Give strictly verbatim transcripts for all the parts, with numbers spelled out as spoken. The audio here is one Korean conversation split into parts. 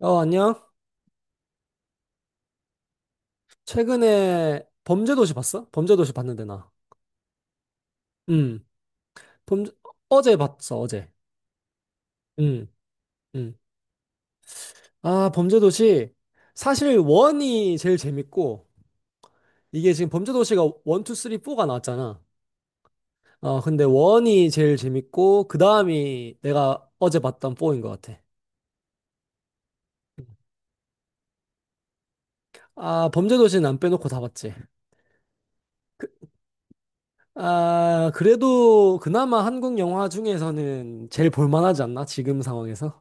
어, 안녕. 최근에 범죄도시 봤어? 범죄도시 봤는데, 나. 음 범죄, 어제 봤어, 어제. 음. 음. 아, 범죄도시. 사실, 원이 제일 재밌고, 이게 지금 범죄도시가 원, 투, 쓰리, 포가 나왔잖아. 어, 근데 원이 제일 재밌고, 그 다음이 내가 어제 봤던 포인것 같아. 아, 범죄도시는 안 빼놓고 다 봤지. 아, 그래도 그나마 한국 영화 중에서는 제일 볼만하지 않나? 지금 상황에서?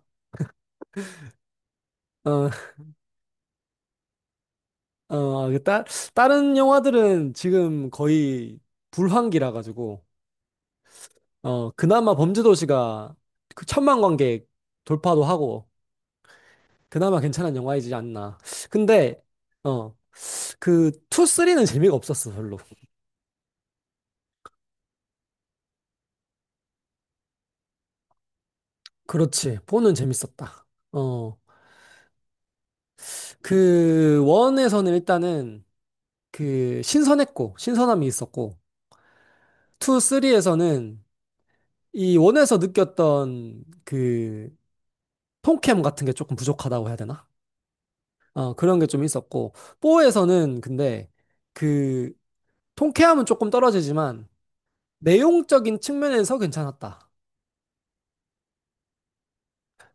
어, 어, 그 따, 다른 영화들은 지금 거의 불황기라 가지고 어, 그나마 범죄도시가 그 천만 관객 돌파도 하고 그나마 괜찮은 영화이지 않나. 근데 어, 그 투, 쓰리는 재미가 없었어, 별로. 그렇지. 포는 재밌었다. 어, 그 원에서는 일단은 그 신선했고 신선함이 있었고 투, 쓰리에서는 이 원에서 느꼈던 그 통캠 같은 게 조금 부족하다고 해야 되나? 어, 그런 게 좀 있었고, 뽀에서는 근데 그 통쾌함은 조금 떨어지지만 내용적인 측면에서 괜찮았다.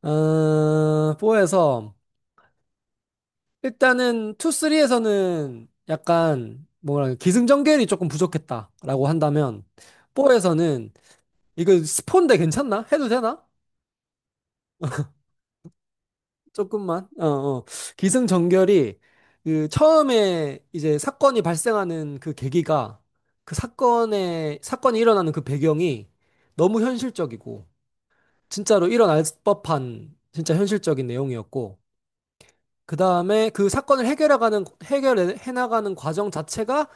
어, 뽀에서 일단은 투쓰리에서는 약간 뭐랄까 기승전결이 조금 부족했다라고 한다면 뽀에서는 이거 스폰데 괜찮나? 해도 되나? 조금만. 어, 어. 기승전결이 그 처음에 이제 사건이 발생하는 그 계기가 그 사건의 사건이 일어나는 그 배경이 너무 현실적이고 진짜로 일어날 법한 진짜 현실적인 내용이었고 그다음에 그 사건을 해결해가는 해결해 나가는 과정 자체가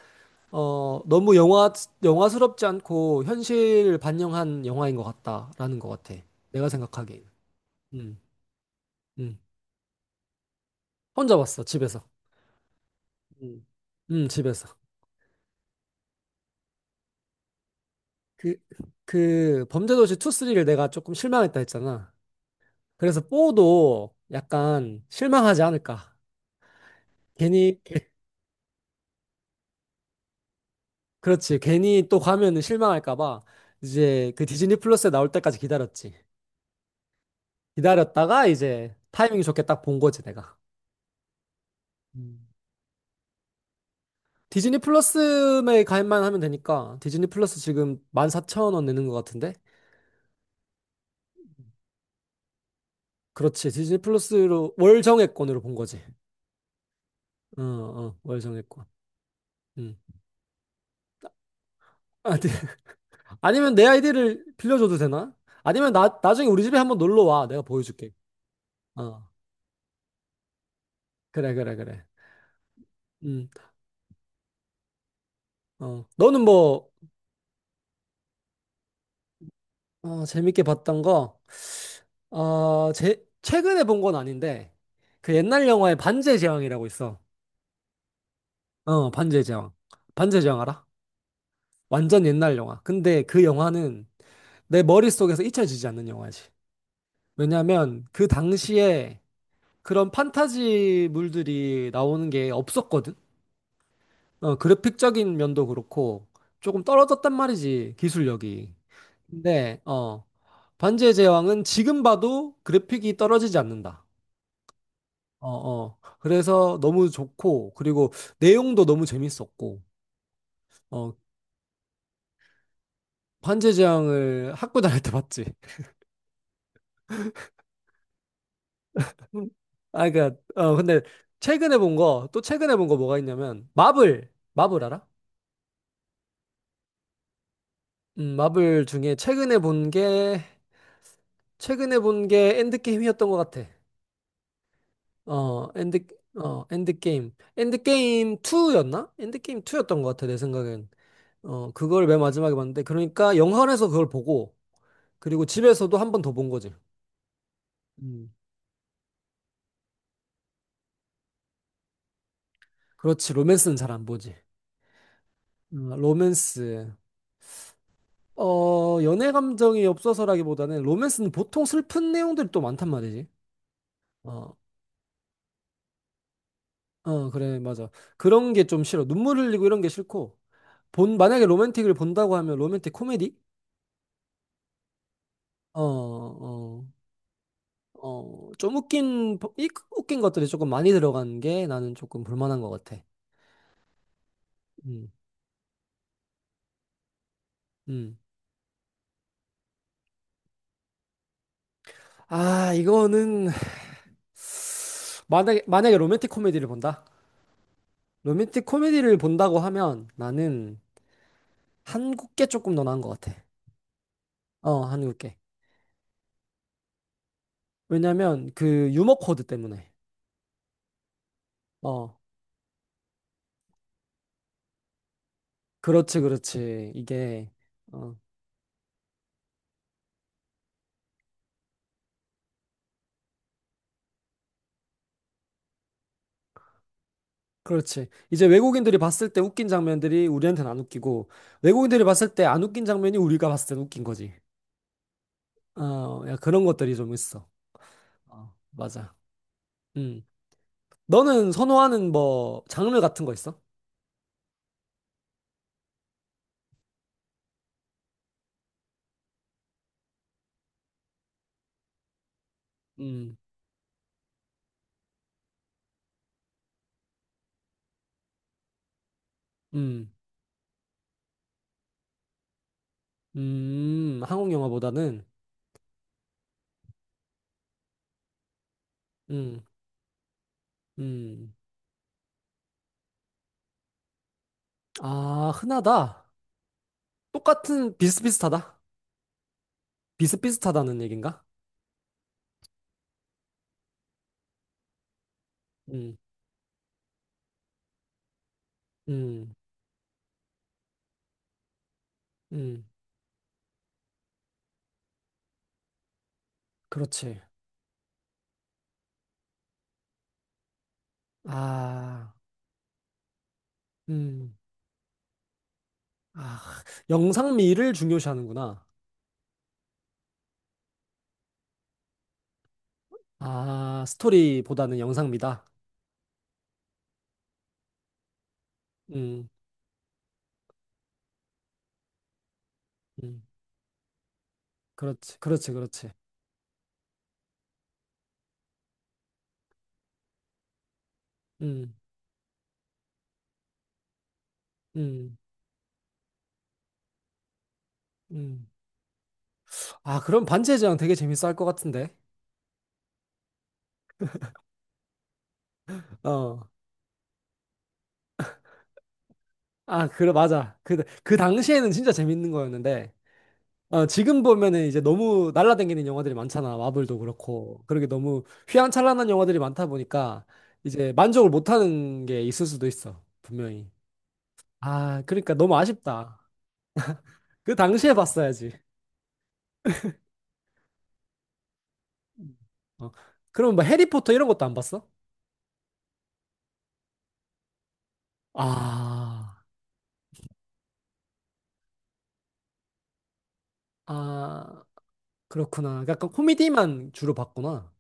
어 너무 영화 영화스럽지 않고 현실을 반영한 영화인 것 같다라는 것 같아. 내가 생각하기에는. 음. 음. 혼자 봤어, 집에서. 음. 음, 집에서. 그, 그 범죄도시 투, 쓰리를 내가 조금 실망했다 했잖아. 그래서 포도 약간 실망하지 않을까. 괜히, 그렇지. 괜히 또 가면은 실망할까 봐 이제 그 디즈니 플러스에 나올 때까지 기다렸지. 기다렸다가 이제 타이밍이 좋게 딱 본 거지, 내가. 음. 디즈니 플러스에 가입만 하면 되니까 디즈니 플러스 지금 만 사천 원 내는 것 같은데? 그렇지. 디즈니 플러스로 월 정액권으로 본 거지. 어, 어, 월 정액권. 음. 아, 네. 아니면 내 아이디를 빌려줘도 되나? 아니면 나, 나중에 우리 집에 한번 놀러 와. 내가 보여줄게. 어, 그래, 그래, 그래. 음, 어, 너는 뭐, 어, 재밌게 봤던 거, 어, 제, 최근에 본 건 아닌데, 그 옛날 영화에 반지의 제왕이라고 있어. 어, 반지의 제왕. 반지의 제왕 알아? 완전 옛날 영화. 근데 그 영화는 내 머릿속에서 잊혀지지 않는 영화지. 왜냐면 그 당시에 그런 판타지물들이 나오는 게 없었거든? 어, 그래픽적인 면도 그렇고 조금 떨어졌단 말이지 기술력이. 근데 어, 반지의 제왕은 지금 봐도 그래픽이 떨어지지 않는다. 어, 어. 그래서 너무 좋고 그리고 내용도 너무 재밌었고 어, 반지의 제왕을 학교 다닐 때 봤지. 음. 아, 그니까, 어, 근데, 최근에 본 거, 또 최근에 본 거 뭐가 있냐면, 마블, 마블 알아? 음, 마블 중에 최근에 본 게, 최근에 본 게 엔드게임이었던 것 같아. 어, 엔드, 어, 엔드게임. 엔드게임 투였나? 엔드게임 투였던 것 같아, 내 생각엔. 어, 그걸 맨 마지막에 봤는데, 그러니까 영화관에서 그걸 보고, 그리고 집에서도 한 번 더 본 거지. 음, 그렇지, 로맨스는 잘 안 보지. 음, 로맨스. 어, 연애 감정이 없어서라기보다는 로맨스는 보통 슬픈 내용들이 또 많단 말이지. 어, 어, 그래, 맞아. 그런 게 좀 싫어. 눈물 흘리고 이런 게 싫고, 본, 만약에 로맨틱을 본다고 하면 로맨틱 코미디? 어, 어. 어, 좀 웃긴, 이- 웃긴 것들이 조금 많이 들어간 게 나는 조금 불만한 것 같아. 음, 음. 아, 이거는, 만약에, 만약에 로맨틱 코미디를 본다? 로맨틱 코미디를 본다고 하면 나는 한국 게 조금 더 나은 것 같아. 어, 한국 게. 왜냐면 그 유머 코드 때문에. 어, 그렇지, 그렇지. 이게, 어, 그렇지. 이제 외국인들이 봤을 때 웃긴 장면들이 우리한테는 안 웃기고, 외국인들이 봤을 때 안 웃긴 장면이 우리가 봤을 때 웃긴 거지. 어, 야, 그런 것들이 좀 있어. 어, 맞아. 음. 너는 선호하는 뭐 장르 같은 거 있어? 음. 음. 음. 한국 영화보다는 음. 음. 아, 흔하다. 똑같은 비슷비슷하다. 비슷비슷하다는 얘긴가? 음. 음. 음. 그렇지. 아. 음. 아, 영상미를 중요시하는구나. 아, 스토리보다는 영상미다. 음. 음. 그렇지. 그렇지. 그렇지. 음. 음. 음. 아, 그럼 반체제왕 되게 재밌어 할 것 같은데. 어. 아, 그래, 맞아. 그, 그 당시에는 진짜 재밌는 거였는데, 어, 지금 보면은 이제 너무 날라다니는 영화들이 많잖아. 마블도 그렇고. 그러게 너무 휘황찬란한 영화들이 많다 보니까, 이제 만족을 못하는 게 있을 수도 있어. 분명히. 아, 그러니까 너무 아쉽다. 그 당시에 봤어야지. 음. 어. 그럼 뭐 해리포터 이런 것도 안 봤어? 아, 아, 그렇구나. 약간 코미디만 주로 봤구나.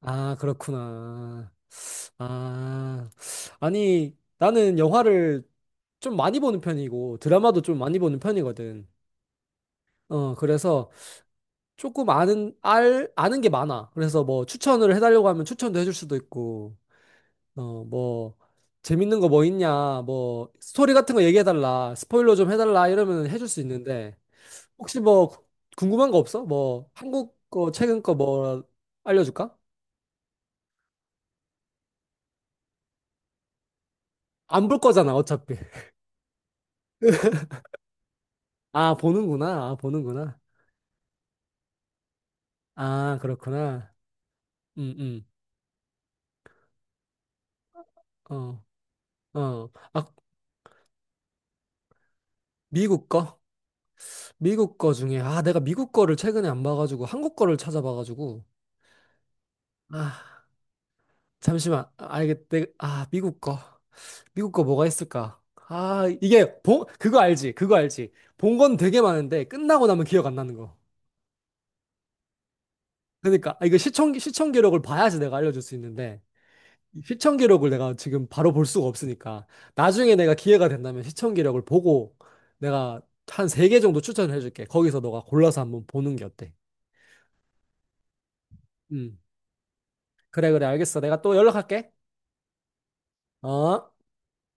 아, 그렇구나. 아, 아니, 나는 영화를 좀 많이 보는 편이고, 드라마도 좀 많이 보는 편이거든. 어, 그래서 조금 아는, 알, 아는 게 많아. 그래서 뭐 추천을 해달라고 하면 추천도 해줄 수도 있고, 어, 뭐, 재밌는 거 뭐 있냐, 뭐, 스토리 같은 거 얘기해달라, 스포일러 좀 해달라, 이러면 해줄 수 있는데, 혹시 뭐, 구- 궁금한 거 없어? 뭐, 한국 거, 최근 거 뭐, 알려줄까? 안 볼 거잖아, 어차피. 아, 보는구나. 아, 보는구나. 아, 그렇구나. 음, 음. 어, 어. 아, 미국 거? 미국 거 중에, 아, 내가 미국 거를 최근에 안 봐가지고, 한국 거를 찾아봐가지고. 아, 잠시만. 아, 알겠, 내, 아, 미국 거. 미국 거 뭐가 있을까? 아, 이게, 본, 그거 알지? 그거 알지? 본 건 되게 많은데, 끝나고 나면 기억 안 나는 거. 그러니까, 아, 이거 시청, 시청 기록을 봐야지 내가 알려줄 수 있는데. 이 시청 기록을 내가 지금 바로 볼 수가 없으니까 나중에 내가 기회가 된다면 시청 기록을 보고 내가 한 세 개 정도 추천을 해줄게. 거기서 너가 골라서 한번 보는 게 어때? 음. 그래, 그래, 알겠어. 내가 또 연락할게. 어?